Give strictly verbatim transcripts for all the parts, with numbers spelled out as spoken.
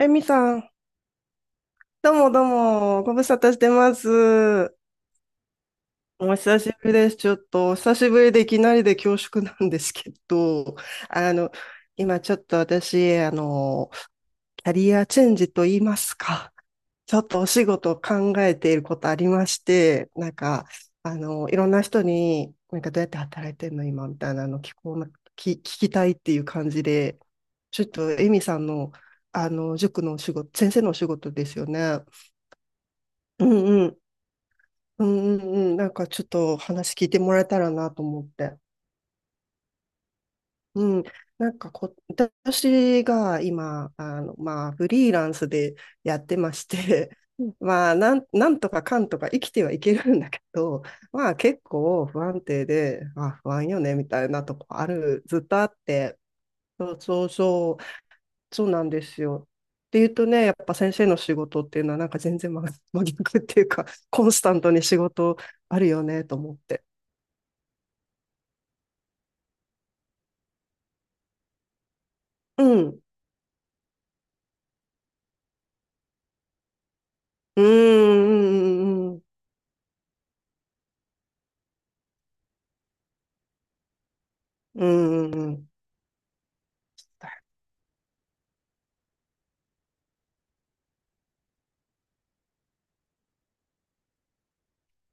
えみさん、どうもどうも、ご無沙汰してます。お久しぶりです。ちょっと、お久しぶりでいきなりで恐縮なんですけど、あの、今ちょっと私、あの、キャリアチェンジと言いますか、ちょっとお仕事を考えていることありまして、なんか、あの、いろんな人に、なんかどうやって働いてんの今みたいなの聞こうな、き聞きたいっていう感じで、ちょっとえみさんの、あの、塾のお仕事、先生のお仕事ですよね。うんうん。うんうんうん、なんかちょっと話聞いてもらえたらなと思って。うん、なんかこ、私が今、あの、まあ、フリーランスでやってまして、うん。 まあ、なん、なんとかかんとか生きてはいけるんだけど、まあ結構不安定で、あ、不安よね、みたいなとこある、ずっとあって、そうそうそう、そうなんですよ。っていうとね、やっぱ先生の仕事っていうのはなんか全然真真逆っていうか、コンスタントに仕事あるよね、と思って。うん。うーん、うん、うん。うん、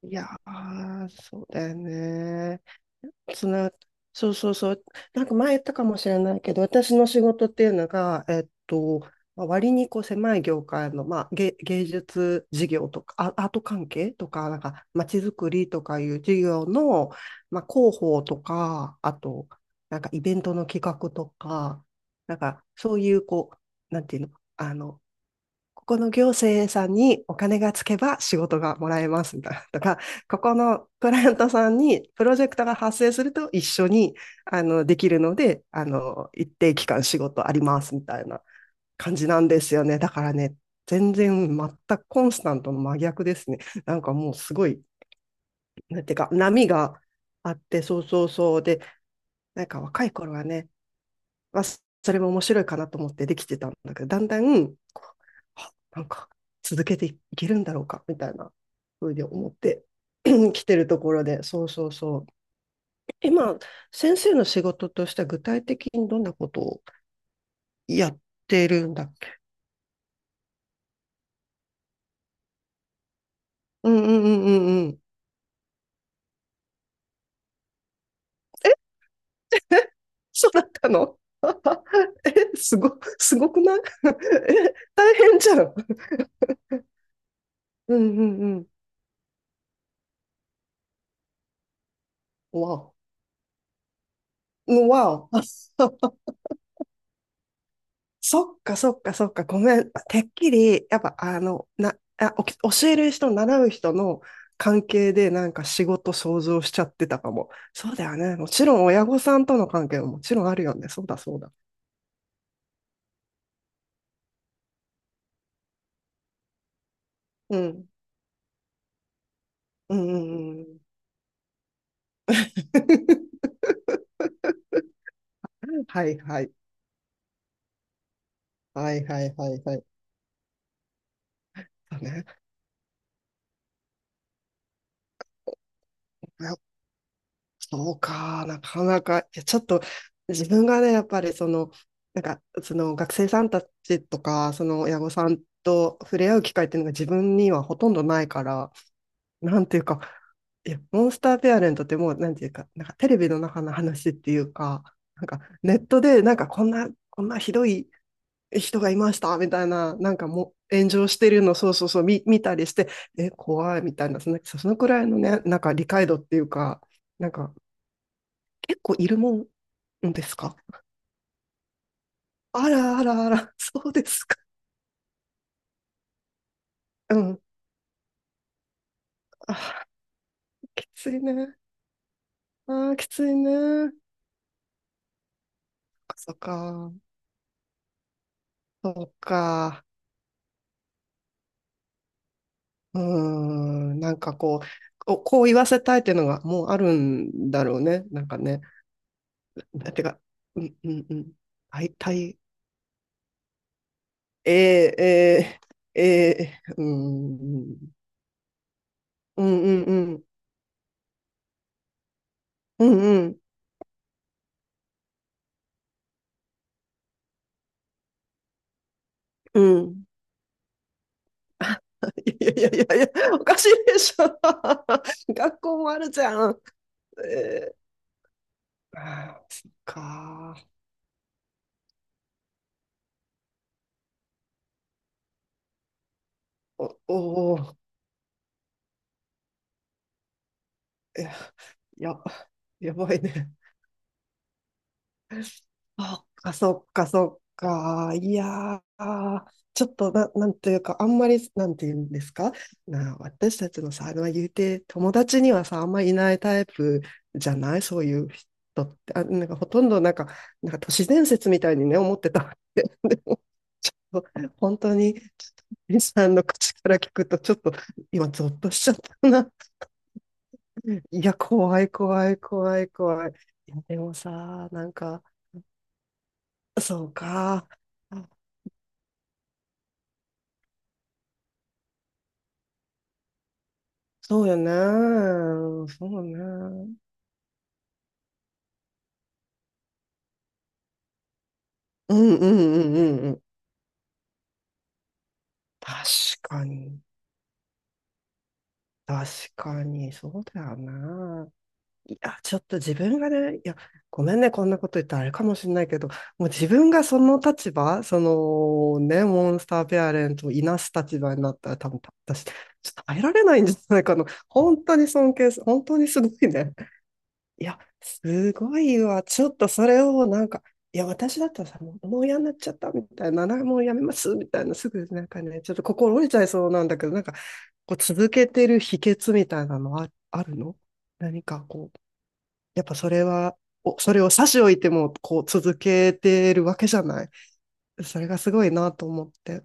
いやー、そうだよね。つな、そうそうそう。なんか前言ったかもしれないけど、私の仕事っていうのが、えっと、まあ割にこう狭い業界の、まあ、芸、芸術事業とか、ア、アート関係とか、なんか、まちづくりとかいう事業の、まあ、広報とか、あと、なんかイベントの企画とか、なんか、そういう、こう、なんていうの、あの、ここの行政さんにお金がつけば仕事がもらえます だとか、ここのクライアントさんにプロジェクトが発生すると一緒にあのできるので、あの一定期間仕事ありますみたいな感じなんですよね。だからね、全然全くコンスタントの真逆ですね。なんかもうすごい、なんていうか波があって、そうそうそう。で、なんか若い頃はね、まあ、それも面白いかなと思ってできてたんだけど、だんだん、こうなんか続けていけるんだろうか、みたいなふうに思って 来てるところで、そうそうそう。今、先生の仕事としては具体的にどんなことをやってるんだっけ。うんうんうんうんうん。え、え、そうだったの。 え、すご、すごくない？ え、大変じゃん。うんうんうん。わお。わお。そっかそっかそっか、ごめん。てっきり、やっぱあの、な、あ、おき教える人、習う人の関係でなんか仕事想像しちゃってたかも。そうだよね。もちろん親御さんとの関係ももちろんあるよね。そうだそうだ。うん。うんうんうん。はいはい。はいはいはいはい。そうね。そうか、なかなか、いや、ちょっと自分がね、やっぱりその、なんか、その学生さんたちとか、その親御さんと触れ合う機会っていうのが自分にはほとんどないから、なんていうか、いや、モンスターペアレントってもう、なんていうか、なんかテレビの中の話っていうか、なんかネットで、なんかこんな、こんなひどい人がいましたみたいな、なんかもう炎上してるの、そうそうそう、見、見たりして、え、怖いみたいな、その、そのくらいのね、なんか理解度っていうか、なんか、結構いるもんですか？あらあらあら、そうですか。うん。あー、きついね。あー、きついね。そっか、そっか。うーん、なんかこう、ここう言わせたいっていうのがもうあるんだろうね。なんかね。てか、うんうんうん。大体、えー、えー、えー、うーん、うんうんうん、うんうん、うん。いやいやいやいや、おかしいでしょ。学校もあるじゃん。えー、あーそっかー。お、おー、いや、や、やばいね。あ、あそっか、そっか。いやー、ちょっとな、なんていうか、あんまり、なんていうんですか。な、私たちのさ、まあ、言うて、友達にはさ、あんまりいないタイプじゃないそういう人って。あ、なんかほとんどなんか、なんか都市伝説みたいにね、思ってたって。でも本当に、ちょっと、森さんの口から聞くと、ちょっと、今、ゾッとしちゃったな。いや、怖い、怖い、怖い、怖い。いやでもさ、なんか、そうか。あそうよね。そうね。うん、うん、うん、うん。うん、確かに。確かに、そうだよね。いや、ちょっと自分がね、いや、ごめんね、こんなこと言ったらあれかもしれないけど、もう自分がその立場、そのね、モンスターペアレントをいなす立場になったら、多分私、ちょっと耐えられないんじゃないかな。本当に尊敬す、本当にすごいね。いや、すごいわ。ちょっとそれをなんか、いや、私だったらさ、もう、もう嫌になっちゃったみたいな、なもうやめますみたいな、すぐなんかね、ちょっと心折れちゃいそうなんだけど、なんか、こう続けてる秘訣みたいなのはあるの？何かこう。やっぱそれは、おそれを差し置いても、こう続けてるわけじゃない。それがすごいなと思って。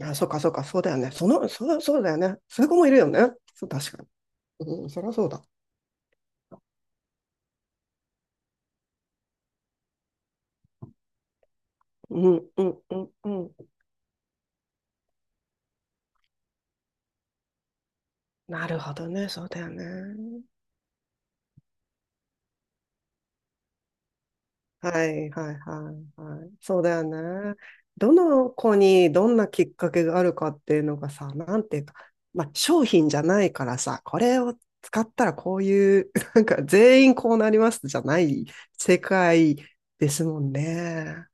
あ、そうか、そうか、そうだよね。その、そう、そうだよね。そういう子もいるよね。そう、確かに。うん、そりゃそうだ。うん、うん、うん、うん。なるほどね。そうだよね。はいはいはいはい。そうだよね。どの子にどんなきっかけがあるかっていうのがさ、なんていうか、まあ商品じゃないからさ、これを使ったらこういう、なんか全員こうなりますじゃない世界ですもんね。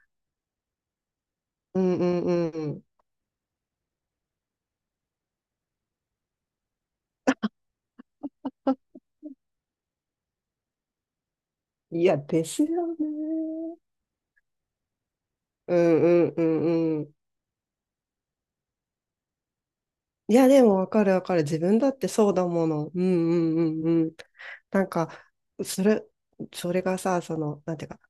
うんうんうん。いや、ですよね。うんうんうんうん。いや、でもわかるわかる。自分だってそうだもの。うんうんうんうん。なんか、それ、それがさ、その、なんていうか、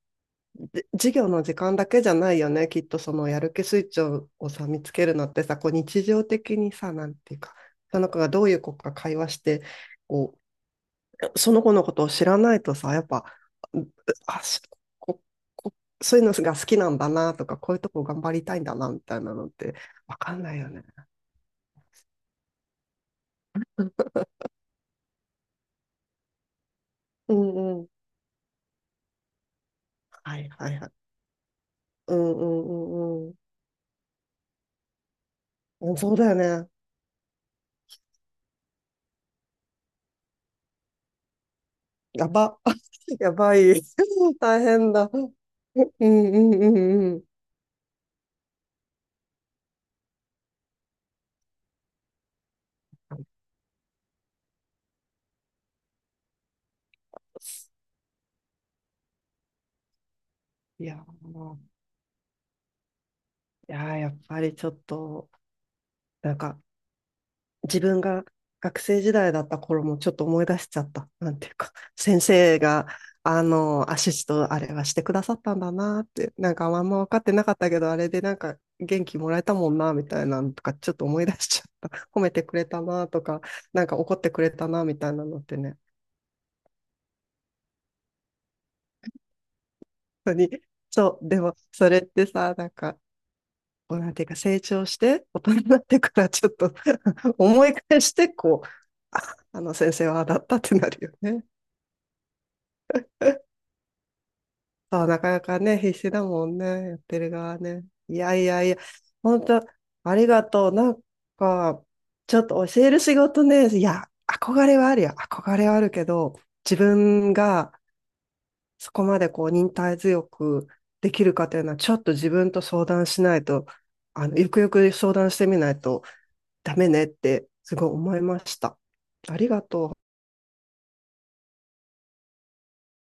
で授業の時間だけじゃないよね、きっとそのやる気スイッチををさ見つけるのってさ、こう日常的にさ、なんていうか、その子がどういう子か会話して、こうその子のことを知らないとさ、やっぱ、あ、しこ、こ、そういうのが好きなんだなとか、こういうとこ頑張りたいんだなみたいなのってわかんないよね。うんうん。はいはいはい。うんうんうんうん。うん、そうだよね。やば。やばい。大変だ。うんうんうんうん。いやー、いやーやっぱりちょっと、なんか、自分が学生時代だった頃もちょっと思い出しちゃった。なんていうか、先生が、あの、アシストあれはしてくださったんだなって、なんかあんま分かってなかったけど、あれでなんか元気もらえたもんな、みたいなのとか、ちょっと思い出しちゃった。褒めてくれたなとか、なんか怒ってくれたな、みたいなのってね、本当に。そう、でも、それってさ、なんか、こうなんていうか成長して、大人になってからちょっと 思い返して、こう、あ、あの先生はだったってなるよね。そう、なかなかね、必死だもんね、やってる側ね。いやいやいや、本当ありがとう。なんか、ちょっと教える仕事ね、いや、憧れはあるよ。憧れはあるけど、自分がそこまでこう忍耐強くできるかというのは、ちょっと自分と相談しないと、あの、ゆくゆく相談してみないとダメねってすごい思いました。ありがとう。